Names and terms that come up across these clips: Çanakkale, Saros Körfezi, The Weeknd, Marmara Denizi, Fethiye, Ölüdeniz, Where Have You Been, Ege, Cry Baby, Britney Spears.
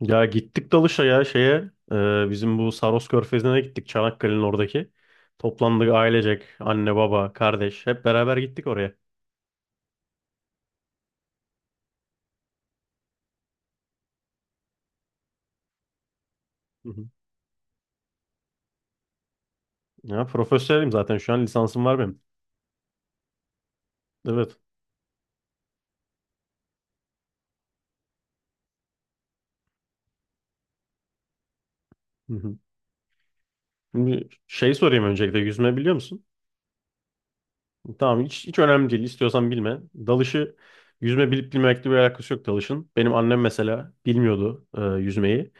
Ya gittik dalışa ya bizim bu Saros Körfezi'ne gittik, Çanakkale'nin oradaki. Toplandık ailecek, anne baba kardeş hep beraber gittik oraya. Hı hı. Ya profesyonelim zaten, şu an lisansım var benim. Evet. Hı hı. Şimdi şey sorayım, öncelikle yüzme biliyor musun? Tamam, hiç önemli değil, istiyorsan bilme. Dalışı yüzme bilip bilmemekle bir alakası yok dalışın. Benim annem mesela bilmiyordu yüzmeyi.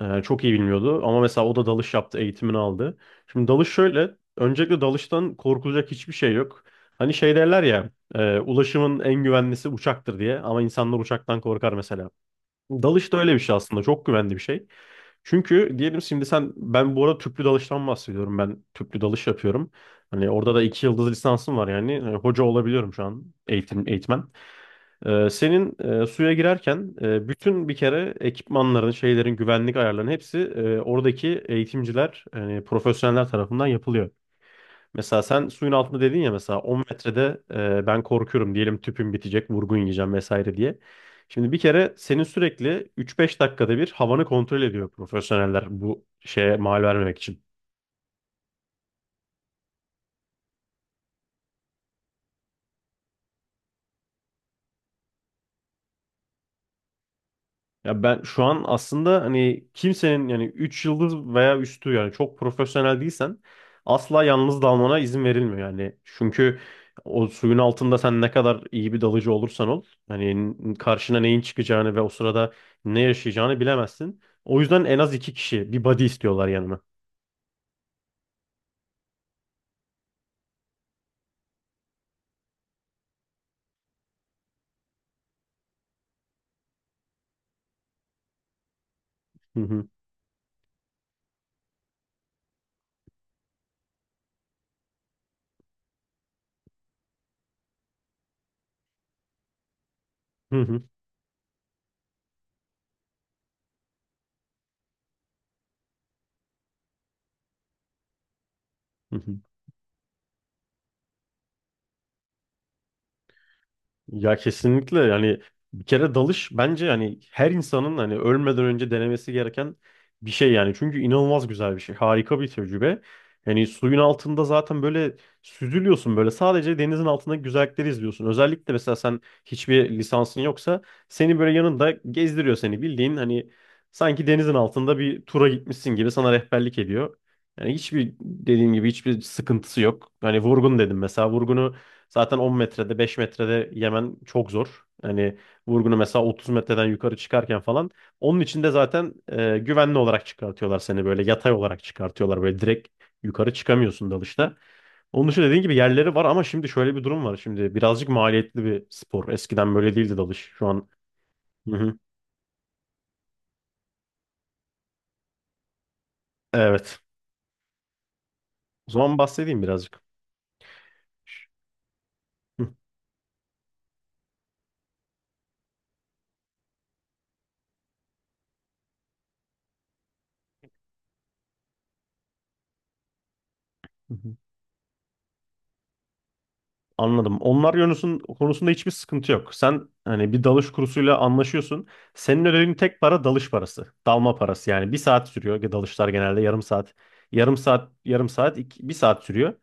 Çok iyi bilmiyordu ama mesela o da dalış yaptı, eğitimini aldı. Şimdi dalış şöyle, öncelikle dalıştan korkulacak hiçbir şey yok. Hani şey derler ya, ulaşımın en güvenlisi uçaktır diye, ama insanlar uçaktan korkar mesela. Dalış da öyle bir şey aslında, çok güvenli bir şey. Çünkü diyelim şimdi sen, ben bu arada tüplü dalıştan bahsediyorum, ben tüplü dalış yapıyorum. Hani orada da iki yıldız lisansım var yani, hoca olabiliyorum şu an, eğitmen. Senin suya girerken bütün bir kere ekipmanların, şeylerin, güvenlik ayarlarının hepsi oradaki eğitimciler, profesyoneller tarafından yapılıyor. Mesela sen suyun altında dedin ya, mesela 10 metrede ben korkuyorum diyelim, tüpüm bitecek, vurgun yiyeceğim vesaire diye. Şimdi bir kere senin sürekli 3-5 dakikada bir havanı kontrol ediyor profesyoneller, bu şeye mal vermemek için. Ya ben şu an aslında hani kimsenin, yani 3 yıldız veya üstü, yani çok profesyonel değilsen asla yalnız dalmana izin verilmiyor yani. Çünkü o suyun altında sen ne kadar iyi bir dalıcı olursan ol, hani karşına neyin çıkacağını ve o sırada ne yaşayacağını bilemezsin. O yüzden en az iki kişi, bir buddy istiyorlar yanıma. Hı hı. Hı hı. Hı hı. Ya kesinlikle yani, bir kere dalış bence yani her insanın hani ölmeden önce denemesi gereken bir şey yani. Çünkü inanılmaz güzel bir şey. Harika bir tecrübe. Yani suyun altında zaten böyle süzülüyorsun, böyle sadece denizin altındaki güzellikleri izliyorsun. Özellikle mesela sen hiçbir lisansın yoksa seni böyle yanında gezdiriyor, seni bildiğin hani sanki denizin altında bir tura gitmişsin gibi sana rehberlik ediyor. Yani hiçbir dediğim gibi hiçbir sıkıntısı yok. Hani vurgun dedim mesela, vurgunu zaten 10 metrede 5 metrede yemen çok zor. Hani vurgunu mesela 30 metreden yukarı çıkarken falan. Onun için de zaten güvenli olarak çıkartıyorlar seni, böyle yatay olarak çıkartıyorlar. Böyle direkt yukarı çıkamıyorsun dalışta. Onun için dediğin gibi yerleri var, ama şimdi şöyle bir durum var. Şimdi birazcık maliyetli bir spor. Eskiden böyle değildi dalış. Şu an. Hı hı. Evet. O zaman bahsedeyim birazcık. Hı. Hı. Anladım. Onlar yönüsün konusunda hiçbir sıkıntı yok. Sen hani bir dalış kursuyla anlaşıyorsun. Senin ödediğin tek para dalış parası. Dalma parası yani. Bir saat sürüyor. Dalışlar genelde yarım saat. Yarım saat, yarım saat, iki, bir saat sürüyor.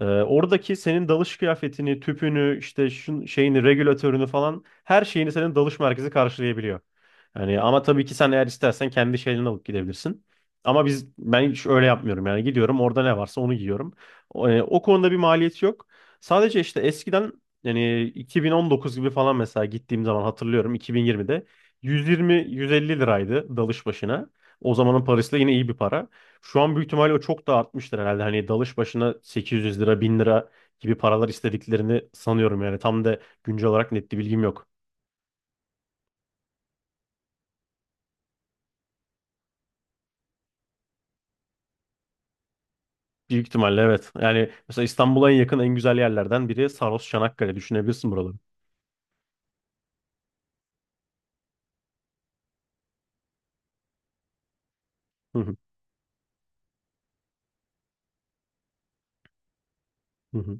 Oradaki senin dalış kıyafetini, tüpünü, işte şeyini, regülatörünü falan her şeyini senin dalış merkezi karşılayabiliyor. Yani ama tabii ki sen eğer istersen kendi şeylerini alıp gidebilirsin. Ama ben hiç öyle yapmıyorum yani, gidiyorum orada ne varsa onu giyiyorum. O konuda bir maliyeti yok. Sadece işte eskiden yani 2019 gibi falan, mesela gittiğim zaman hatırlıyorum, 2020'de 120-150 liraydı dalış başına. O zamanın parasıyla yine iyi bir para. Şu an büyük ihtimalle o çok da artmıştır herhalde. Hani dalış başına 800 lira 1000 lira gibi paralar istediklerini sanıyorum yani. Tam da güncel olarak net bir bilgim yok. Büyük ihtimalle evet. Yani mesela İstanbul'a en yakın en güzel yerlerden biri Saros, Çanakkale. Düşünebilirsin buraları. Hı hı. Hı hı.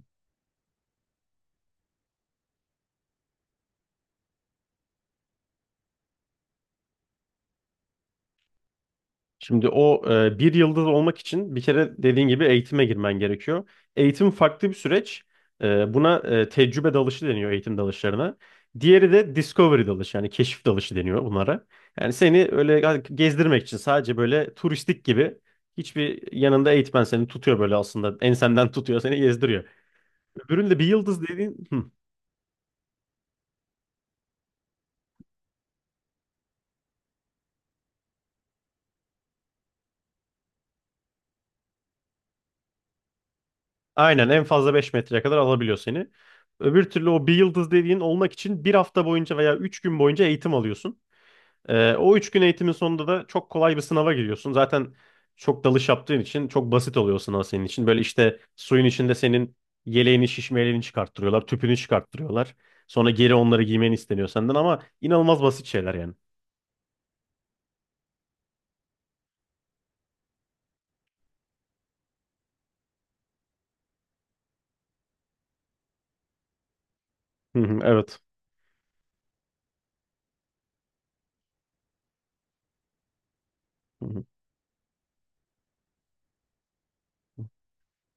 Şimdi bir yıldız olmak için bir kere dediğin gibi eğitime girmen gerekiyor. Eğitim farklı bir süreç. Buna tecrübe dalışı deniyor, eğitim dalışlarına. Diğeri de discovery dalışı yani keşif dalışı deniyor bunlara. Yani seni öyle gezdirmek için sadece böyle turistik gibi, hiçbir yanında eğitmen seni tutuyor böyle aslında ensenden tutuyor, seni gezdiriyor. Öbüründe bir yıldız dediğin, hı, aynen, en fazla beş metreye kadar alabiliyor seni. Öbür türlü o bir yıldız dediğin olmak için bir hafta boyunca veya 3 gün boyunca eğitim alıyorsun. O üç gün eğitimin sonunda da çok kolay bir sınava giriyorsun. Zaten çok dalış yaptığın için çok basit oluyor sınav senin için. Böyle işte suyun içinde senin yeleğini, şişmelerini çıkarttırıyorlar, tüpünü çıkarttırıyorlar. Sonra geri onları giymen isteniyor senden, ama inanılmaz basit şeyler yani. Hı hı, evet. Hı hı.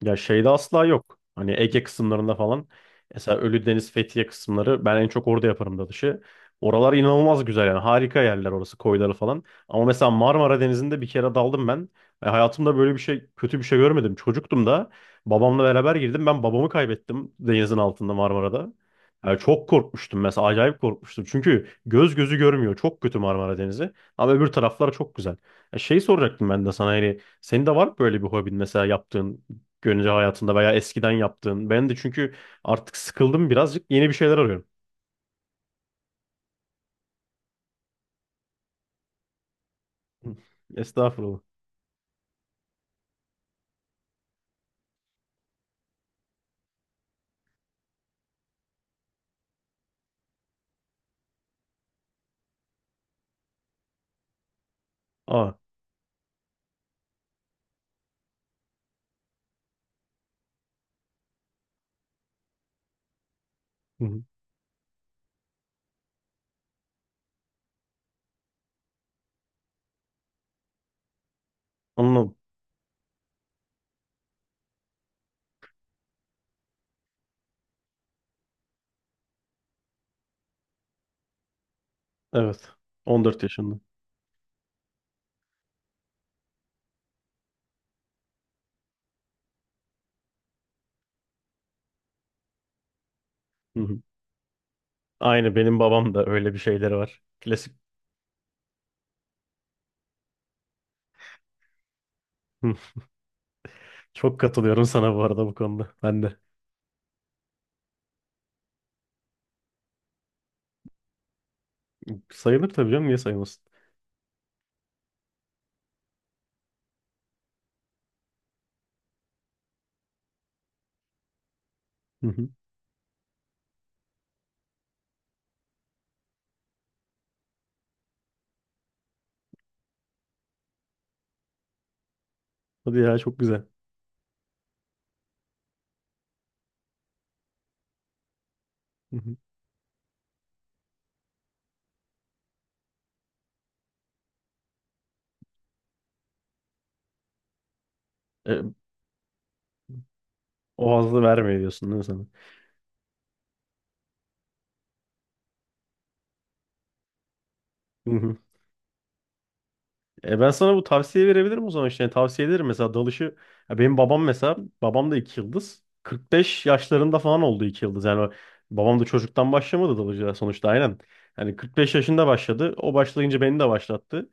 Ya şeyde asla yok. Hani Ege kısımlarında falan. Mesela Ölüdeniz, Fethiye kısımları ben en çok orada yaparım dalışı. Oralar inanılmaz güzel yani. Harika yerler orası, koyları falan. Ama mesela Marmara Denizi'nde bir kere daldım ben. Hayatımda kötü bir şey görmedim. Çocuktum da, babamla beraber girdim. Ben babamı kaybettim denizin altında Marmara'da. Yani çok korkmuştum mesela, acayip korkmuştum. Çünkü göz gözü görmüyor. Çok kötü Marmara Denizi. Ama öbür taraflar çok güzel. Ya şey soracaktım ben de sana, hani senin de var mı böyle bir hobin mesela, yaptığın güncel hayatında veya eskiden yaptığın? Ben de çünkü artık sıkıldım birazcık, yeni bir şeyler arıyorum. Hı. Estağfurullah. Aa, hı hı. Anladım. Evet. 14 yaşında. Hı hı. Aynı benim babam da öyle bir şeyleri var. Klasik. Hı. Çok katılıyorum sana bu arada bu konuda. Ben de. Sayılır tabii canım, niye sayılmasın? Hı hı. Hadi ya, çok güzel. Hı hı. E, O hazzı vermiyor diyorsun değil mi sana? E, ben sana bu tavsiye verebilirim o zaman işte. Yani tavsiye ederim mesela dalışı. Ya benim babam, mesela babam da iki yıldız. 45 yaşlarında falan oldu iki yıldız. Yani babam da çocuktan başlamadı dalıcıya sonuçta, aynen. Yani 45 yaşında başladı. O başlayınca beni de başlattı.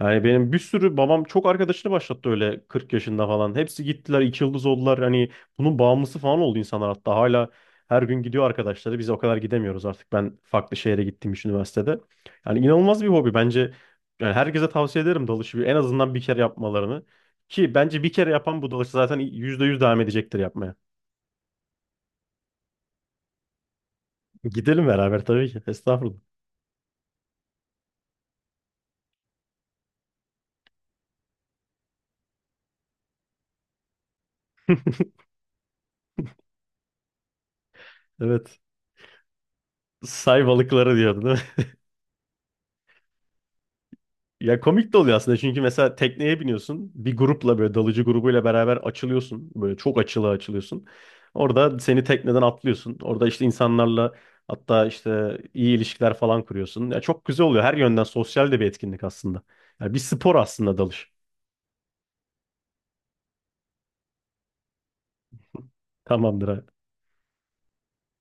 Yani benim bir sürü babam çok arkadaşını başlattı öyle 40 yaşında falan. Hepsi gittiler iki yıldız oldular. Hani bunun bağımlısı falan oldu insanlar, hatta hala her gün gidiyor arkadaşları. Biz o kadar gidemiyoruz artık. Ben farklı şehre gittiğim için üniversitede. Yani inanılmaz bir hobi bence. Yani herkese tavsiye ederim dalışı en azından bir kere yapmalarını. Ki bence bir kere yapan bu dalışı zaten %100 devam edecektir yapmaya. Gidelim beraber tabii ki. Estağfurullah. Evet. Say balıkları diyordu değil mi? Ya komik de oluyor aslında, çünkü mesela tekneye biniyorsun. Bir grupla böyle, dalıcı grubuyla beraber açılıyorsun. Böyle çok açıla açılıyorsun. Orada seni tekneden atlıyorsun. Orada işte insanlarla, hatta işte iyi ilişkiler falan kuruyorsun. Ya çok güzel oluyor. Her yönden sosyal de bir etkinlik aslında. Ya bir spor aslında dalış. Tamamdır abi.